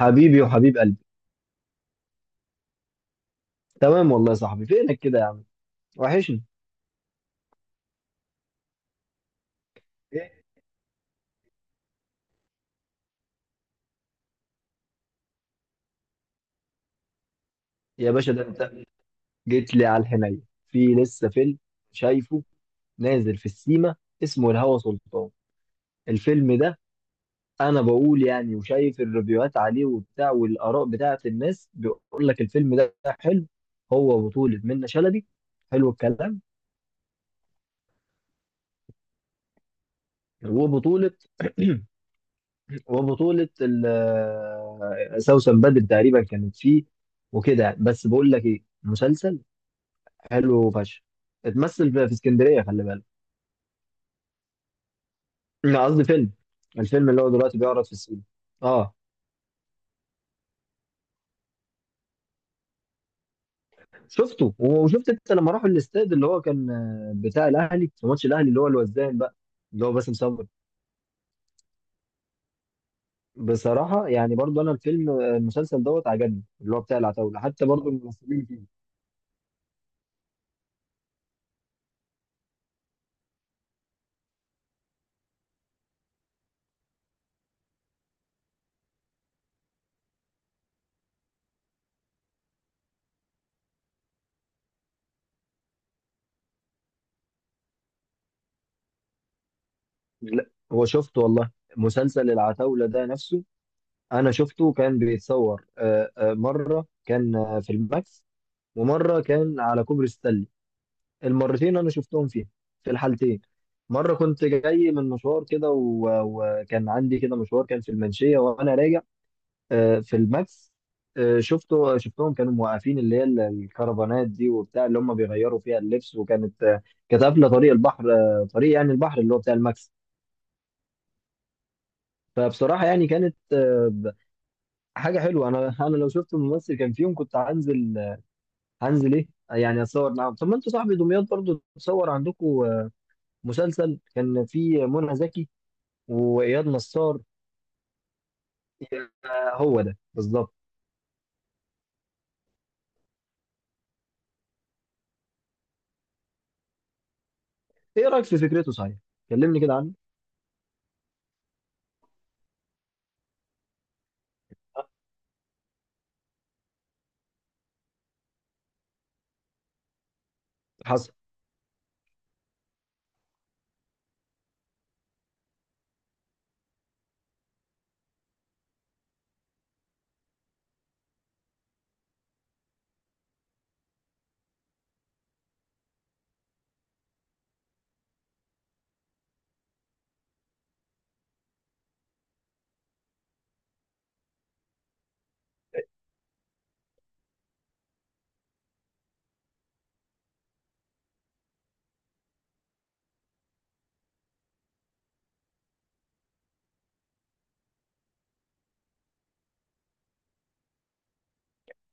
حبيبي وحبيب قلبي. تمام والله يا صاحبي، فينك كده يا عم؟ وحشني. ايه يا باشا، ده انت جيت لي على الحنين. في لسه فيلم شايفه نازل في السيما اسمه الهوى سلطان. الفيلم ده انا بقول يعني، وشايف الريفيوهات عليه وبتاع والاراء بتاعه الناس بيقول لك الفيلم ده حلو. هو بطولة منة شلبي. حلو الكلام. وبطولة وبطولة سوسن بدر تقريبا كانت فيه، وكده يعني. بس بقول لك ايه، مسلسل حلو فشخ، اتمثل في اسكندريه، خلي بالك. لا قصدي فيلم، الفيلم اللي هو دلوقتي بيعرض في السينما. اه شفته، وشفت انت لما راحوا الاستاد اللي هو كان بتاع الاهلي في ماتش الاهلي اللي هو الوزان بقى، اللي هو باسم سمر. بصراحه يعني برضو انا الفيلم، المسلسل دوت عجبني اللي هو بتاع العتاوله، حتى برضو الممثلين فيه. لا هو شفته والله، مسلسل العتاوله ده نفسه انا شفته كان بيتصور، مره كان في الماكس، ومره كان على كوبري ستانلي. المرتين انا شفتهم فيها، في الحالتين. مره كنت جاي من مشوار كده وكان عندي كده مشوار كان في المنشيه وانا راجع، في الماكس. شفتهم كانوا موقفين اللي هي الكرفانات دي وبتاع اللي هم بيغيروا فيها اللبس، وكانت كانت قافله طريق البحر، طريق يعني البحر اللي هو بتاع الماكس. فبصراحه يعني كانت حاجه حلوه. انا انا لو شفت ممثل كان فيهم كنت هنزل، هنزل ايه يعني اتصور معاهم. طب ما انتوا صاحبي دمياط برضو تصور عندكم، مسلسل كان فيه منى زكي واياد نصار. يا- هو ده بالظبط. ايه رايك في فكرته صحيح؟ كلمني كده عنه. حصل.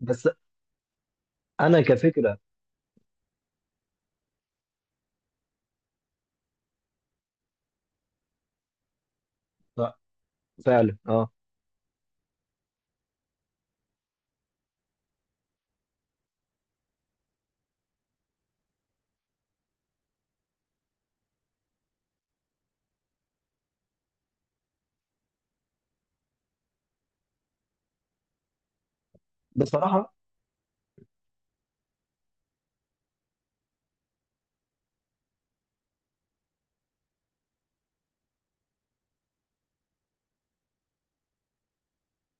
بس انا كفكره. لا، فعلا اه. بصراحه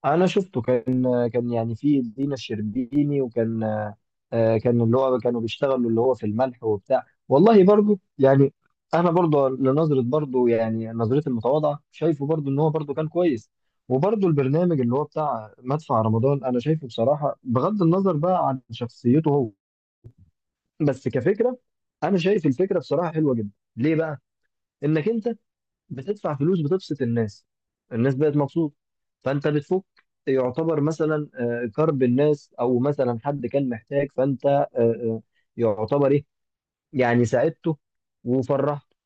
انا شفته، كان كان يعني في دينا الشربيني، وكان كان اللي هو كانوا بيشتغلوا اللي هو في الملح وبتاع، والله برضو يعني انا برضو لنظره برضو يعني نظرتي المتواضعه شايفه برضو ان هو برضو كان كويس. وبرضو البرنامج اللي هو بتاع مدفع رمضان انا شايفه بصراحه، بغض النظر بقى عن شخصيته هو، بس كفكره، انا شايف الفكره بصراحه حلوه جدا. ليه بقى؟ انك انت بتدفع فلوس، بتبسط الناس، الناس بقت مبسوطه، فانت بتفك، يعتبر مثلا كرب الناس، او مثلا حد كان محتاج فانت يعتبر ايه يعني، ساعدته وفرحته.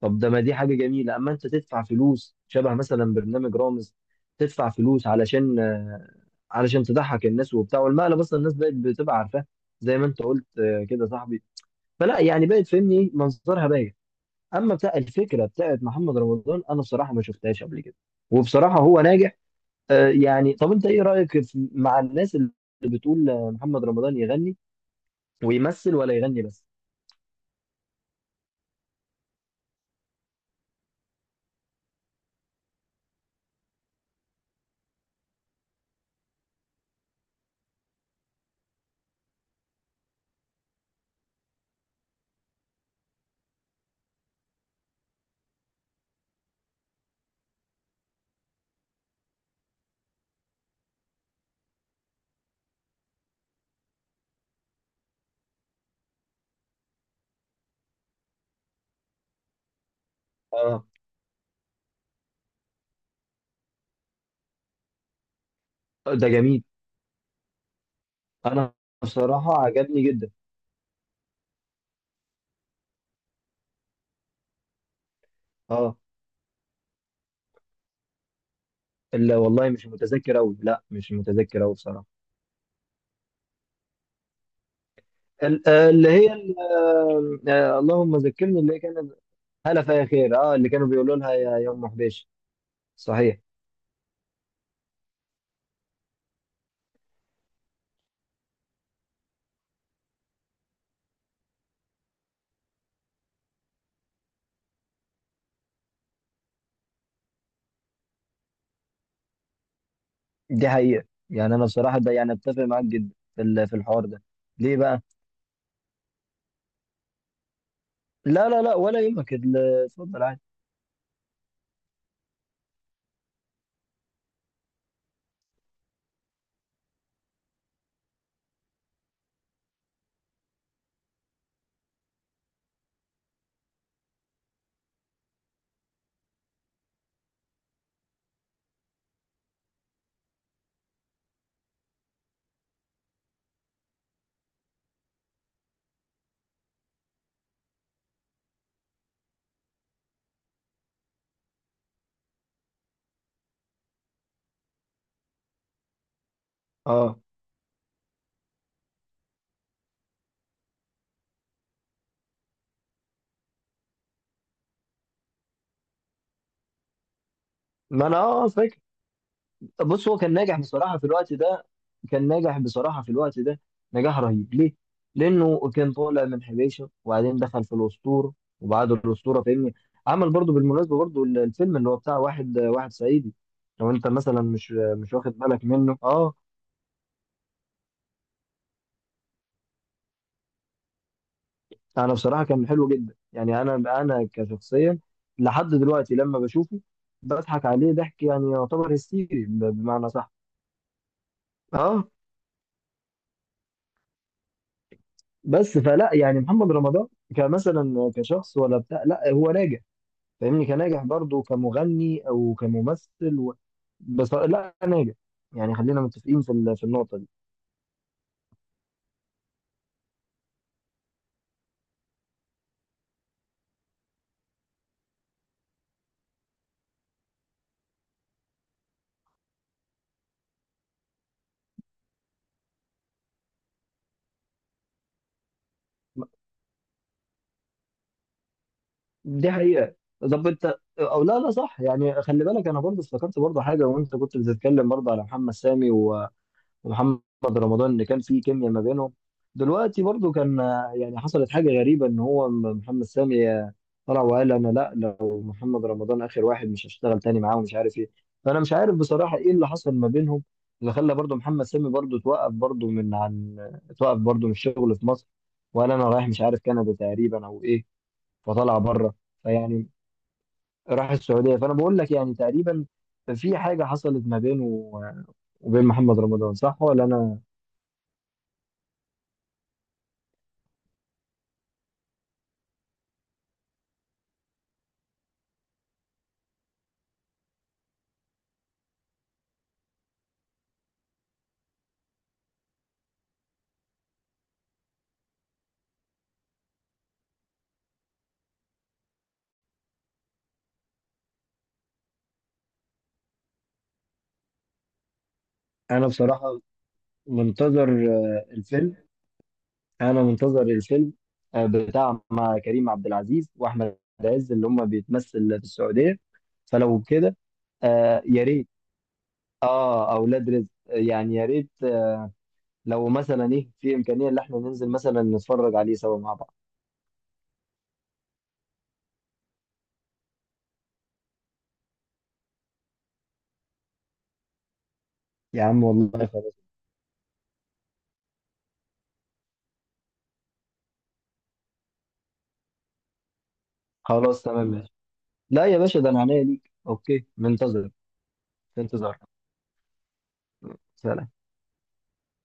طب ده ما دي حاجه جميله، اما انت تدفع فلوس شبه مثلا برنامج رامز، تدفع فلوس علشان علشان تضحك الناس وبتاع، والمقلب اصلا الناس بقت بتبقى عارفاه، زي ما انت قلت كده صاحبي. فلا يعني بقت فهمني إيه؟ منظرها باين. اما بتاع الفكره بتاعت محمد رمضان انا بصراحه ما شفتهاش قبل كده، وبصراحه هو ناجح. آه يعني طب انت ايه رايك مع الناس اللي بتقول محمد رمضان يغني ويمثل ولا يغني بس؟ اه، ده جميل. انا بصراحه عجبني جدا. اه، لا والله مش متذكر قوي، لا مش متذكر قوي بصراحه. ال- آه، اللي هي ال- آه، آه، اللهم ذكرني اللي كانت. هلا فيا خير، اه اللي كانوا بيقولوا لها يا ام حبيش. صحيح. دي حقيقة يعني أنا بصراحة ده يعني أتفق معاك جدا في في الحوار ده. ليه بقى؟ لا لا لا ولا يهمك اتفضل عادي. أه ما أنا أه فاكر. بص هو كان ناجح بصراحة في الوقت ده، كان ناجح بصراحة في الوقت ده، نجاح رهيب. ليه؟ لأنه كان طالع من حبيشة، وبعدين دخل في الأسطورة، وبعد الأسطورة فاهمني عمل برضو بالمناسبة برضو الفيلم اللي هو بتاع واحد واحد صعيدي. لو أنت مثلا مش واخد بالك منه أه. انا بصراحه كان حلو جدا، يعني انا انا كشخصيا لحد دلوقتي لما بشوفه بضحك عليه ضحك يعني يعتبر هستيري بمعنى صح. اه. بس فلا يعني محمد رمضان كمثلا كشخص ولا بتاع، لا هو ناجح فاهمني، كناجح برضه كمغني او كممثل و... بس لا ناجح، يعني خلينا متفقين في في النقطه دي. دي حقيقة. طب انت او لا لا صح يعني، خلي بالك انا برضه افتكرت برضه حاجة وانت كنت بتتكلم برضه على محمد سامي ومحمد رمضان اللي كان في كيمياء ما بينهم. دلوقتي برضو كان يعني حصلت حاجة غريبة، ان هو محمد سامي طلع وقال انا لا لو محمد رمضان اخر واحد مش هشتغل تاني معاه ومش عارف ايه. فانا مش عارف بصراحة ايه اللي حصل ما بينهم، اللي خلى برضو محمد سامي برضو توقف برضو من عن توقف برضو من الشغل في مصر، وقال انا رايح مش عارف كندا تقريبا او ايه، فطلع بره. فيعني راح السعودية، فانا بقول لك يعني تقريبا في حاجة حصلت ما بينه آه، وبين محمد رمضان، صح ولا انا؟ انا بصراحه منتظر الفيلم. انا منتظر الفيلم بتاع مع كريم عبد العزيز واحمد عز اللي هم بيتمثل في السعوديه. فلو كده. آه يا ريت. اه اولاد رزق يعني يا ريت لو مثلا ايه في امكانيه ان احنا ننزل مثلا نتفرج عليه سوا مع بعض. يا عم والله خلاص. خلاص تمام ماشي. لا يا باشا، ده انا عينيا ليك، اوكي منتظر. انتظار. سلام.